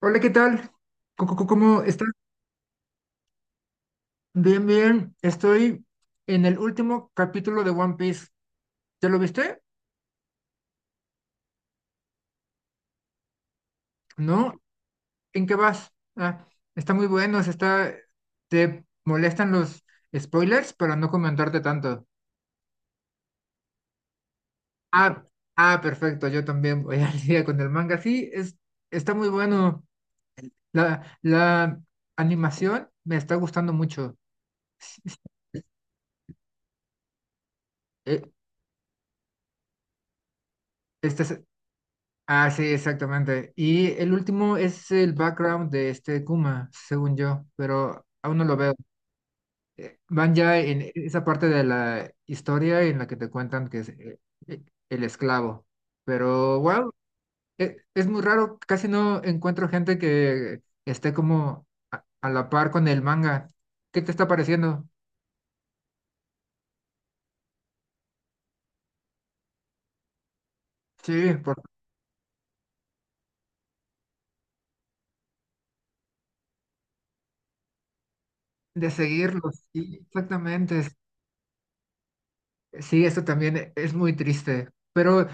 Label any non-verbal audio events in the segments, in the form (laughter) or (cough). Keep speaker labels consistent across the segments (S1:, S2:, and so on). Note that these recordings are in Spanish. S1: Hola, ¿qué tal? ¿Cómo estás? Bien, bien. Estoy en el último capítulo de One Piece. ¿Ya lo viste? ¿No? ¿En qué vas? Ah, está muy bueno. ¿Te molestan los spoilers para no comentarte tanto? Ah, Perfecto. Yo también voy al día con el manga. Está muy bueno. La animación me está gustando mucho. Sí, sí. Eh, este, Ah, sí, exactamente. Y el último es el background de este Kuma, según yo, pero aún no lo veo. Van ya en esa parte de la historia en la que te cuentan que es eh, el esclavo. Pero, wow, es muy raro, casi no encuentro gente que esté como a la par con el manga. ¿Qué te está pareciendo? Sí, por, de seguirlos. Sí, exactamente. Sí, eso también es muy triste. Pero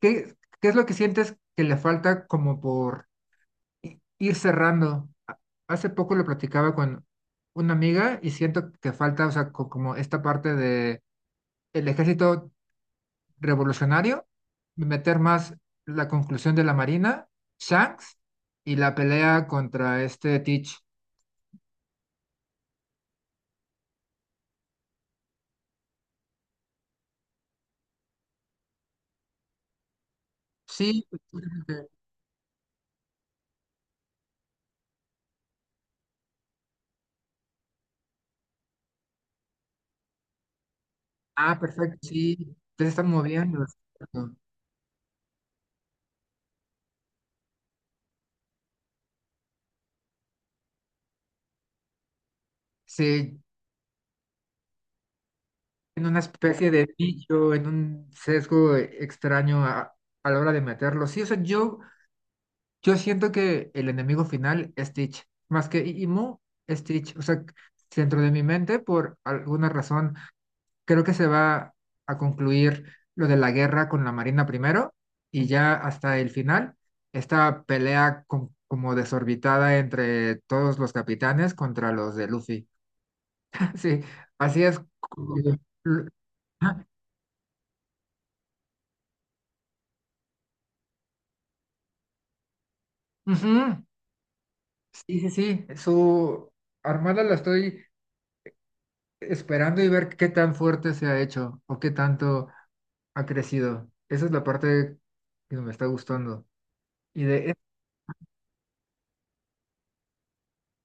S1: ¿Qué, ¿qué es lo que sientes que le falta como por ir cerrando? Hace poco lo platicaba con una amiga y siento que falta, o sea, como esta parte de el ejército revolucionario, meter más la conclusión de la Marina, Shanks y la pelea contra este Teach. Sí, exactamente. Ah, perfecto, sí, te están moviendo. Exacto. Sí, en una especie de nicho, en un sesgo extraño a la hora de meterlo. Sí, o sea, yo siento que el enemigo final es Stitch, más que Imu, es Stitch. O sea, dentro de mi mente, por alguna razón, creo que se va a concluir lo de la guerra con la Marina primero y ya hasta el final, esta pelea como desorbitada entre todos los capitanes contra los de Luffy. (laughs) Sí, así es. Ujú. Ujú. Sí, sí, sí, su armada la estoy esperando y ver qué tan fuerte se ha hecho o qué tanto ha crecido. Esa es la parte que me está gustando. Y de,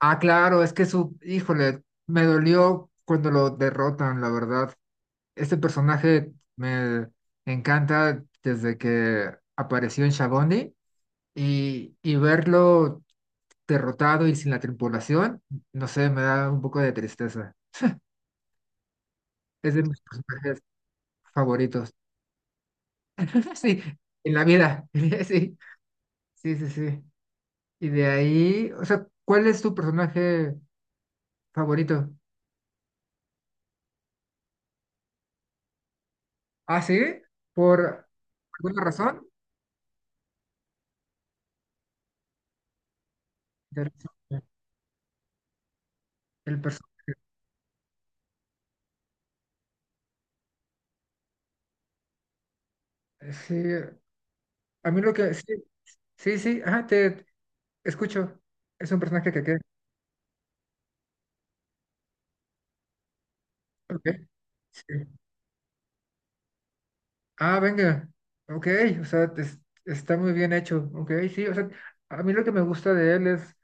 S1: ah, claro, es que híjole, me dolió cuando lo derrotan, la verdad. Este personaje me encanta desde que apareció en Shabondi y verlo derrotado y sin la tripulación, no sé, me da un poco de tristeza. Es de mis personajes favoritos. (laughs) Sí, en la vida. (laughs) Sí, sí, sí, sí. Y de ahí, o sea, ¿cuál es tu personaje favorito? Ah, sí, por alguna razón. Interesante. El personaje. Sí, a mí lo que. Sí, sí, sí, ajá, te escucho. Es un personaje que queda. Ok. Sí. Ah, venga. Ok, o sea, está muy bien hecho. Ok, sí, o sea, a mí lo que me gusta de él es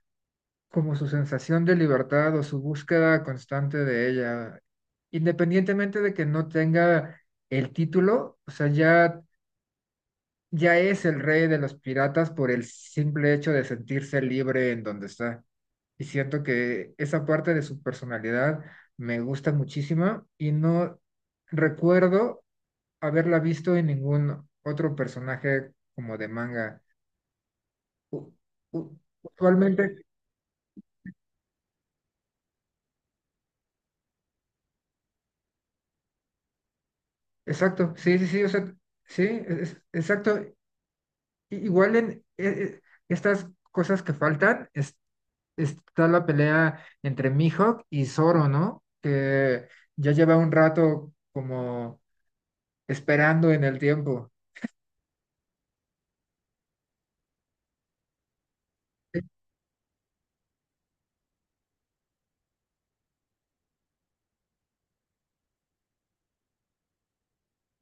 S1: como su sensación de libertad o su búsqueda constante de ella, independientemente de que no tenga el título, o sea, ya es el rey de los piratas por el simple hecho de sentirse libre en donde está. Y siento que esa parte de su personalidad me gusta muchísimo y no recuerdo haberla visto en ningún otro personaje como de manga. U- u- Usualmente exacto, sí, sí, sí, o sea, sí, exacto. Igual en eh, eh, estas cosas que faltan, está la pelea entre Mihawk y Zoro, ¿no? Que ya lleva un rato como esperando en el tiempo. Eh,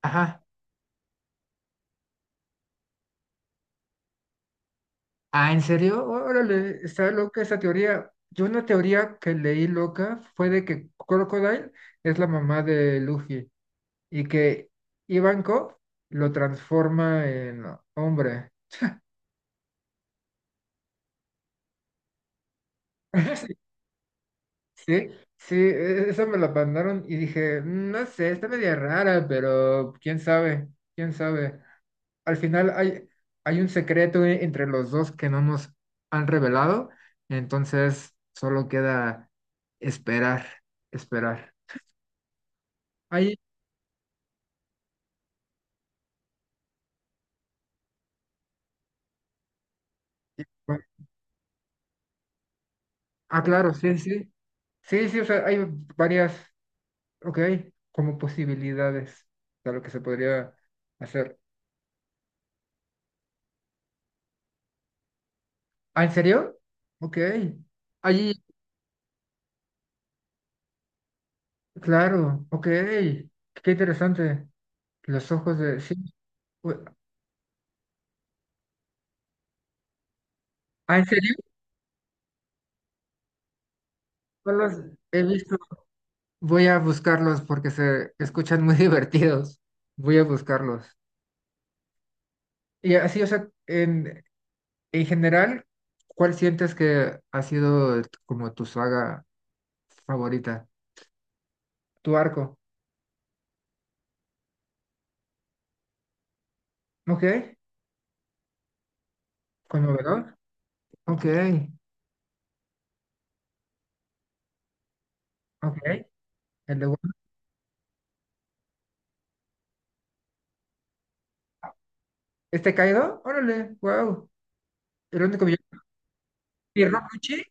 S1: Ajá. Ah, ¿en serio? Órale, está loca esa teoría. Yo una teoría que leí loca fue de que Crocodile es la mamá de Luffy y que Ivankov lo transforma en hombre. (laughs) (laughs) Sí, sí, sí, esa me la mandaron y dije, "Mm, no sé, está media rara, pero quién sabe, quién sabe. Al final hay un secreto entre los dos que no nos han revelado, entonces solo queda esperar, esperar. Hay, ah, claro, sí, sí, sí, sí, o sea, hay varias, ok, como posibilidades de lo que se podría hacer. ¿Ah, en serio? Ok. Allí claro, ok, qué interesante. Los ojos de... Sí. u- Ah, ¿en serio? No los he visto. Voy a buscarlos porque se escuchan muy (laughs) divertidos. Voy a buscarlos. Y así, o sea, en general, ¿cuál sientes que ha sido como tu saga favorita? Tu arco. Ok, conmovedor. Ok, ok. El de... ¿Este caído? Órale, wow. El único villano. ¿Y Rokuchi?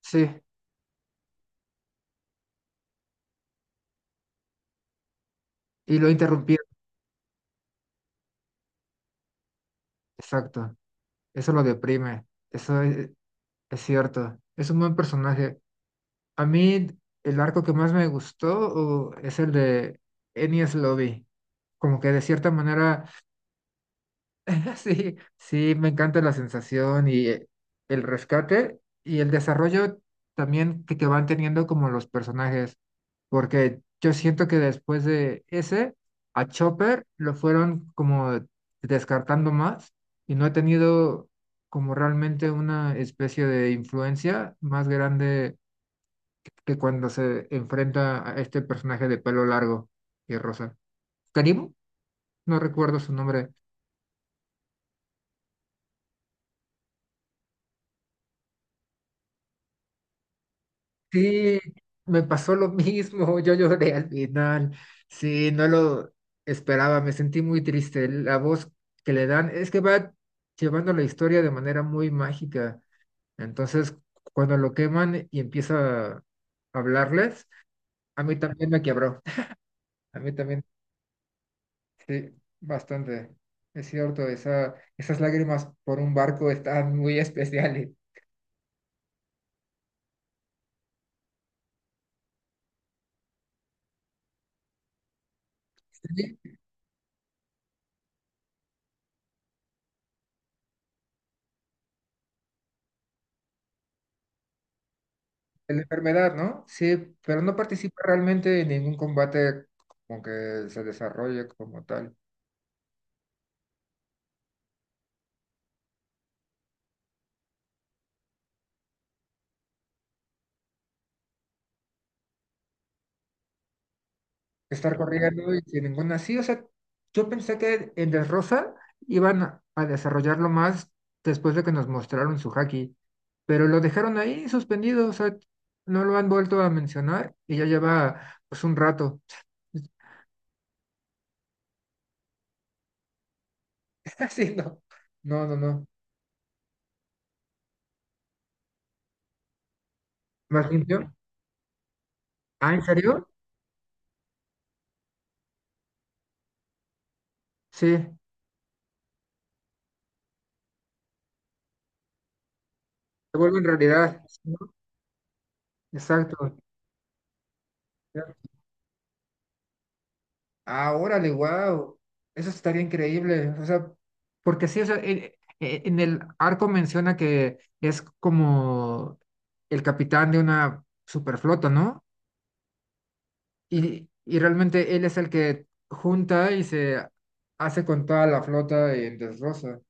S1: Sí, y lo interrumpí. Exacto. Eso lo deprime, eso es cierto. Es un buen personaje. A mí el arco que más me gustó es el de Enies Lobby. Como que de cierta manera, (laughs) sí, sí, me encanta la sensación y el rescate y el desarrollo también que van teniendo como los personajes porque yo siento que después de ese, a Chopper lo fueron como descartando más y no ha tenido como realmente una especie de influencia más grande que cuando se enfrenta a este personaje de pelo largo y rosa. Karim, no recuerdo su nombre, sí, me pasó lo (laughs) mismo, yo lloré al final, sí, no lo esperaba, me sentí muy triste, la voz que le dan es que va llevando la historia de manera muy mágica, entonces cuando lo queman y empieza a hablarles, a mí también me quebró, (laughs) a mí también, sí, bastante, es cierto, esas lágrimas por un barco están muy (laughs) especiales. La enfermedad, ¿no? Sí, pero no participa realmente en ningún combate como que se desarrolle como tal. Estar corriendo y sin ninguna así, o sea, yo pensé que en Dressrosa iban a desarrollarlo más después de que nos mostraron su haki, pero lo dejaron ahí suspendido, o sea, no lo han vuelto a mencionar y ya lleva pues un rato. (laughs) Sí, no, no, no, no. ¿Más limpio? Ah, ¿en serio? Sí, se vuelve en realidad, ¿no? Exacto. Ah, órale, wow. Eso estaría increíble. O sea, porque sí, o sea, e, en el arco menciona que es como el capitán de una superflota, ¿no? Y realmente él es el que junta y se hace con toda la flota en destroza.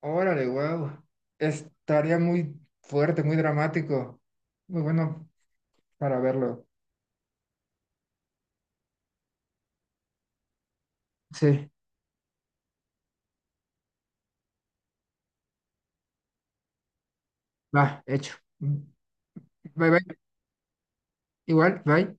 S1: Órale, wow. Estaría muy fuerte, muy dramático. Muy bueno para verlo. Sí, va, hecho. Bye, bye. Igual, bye.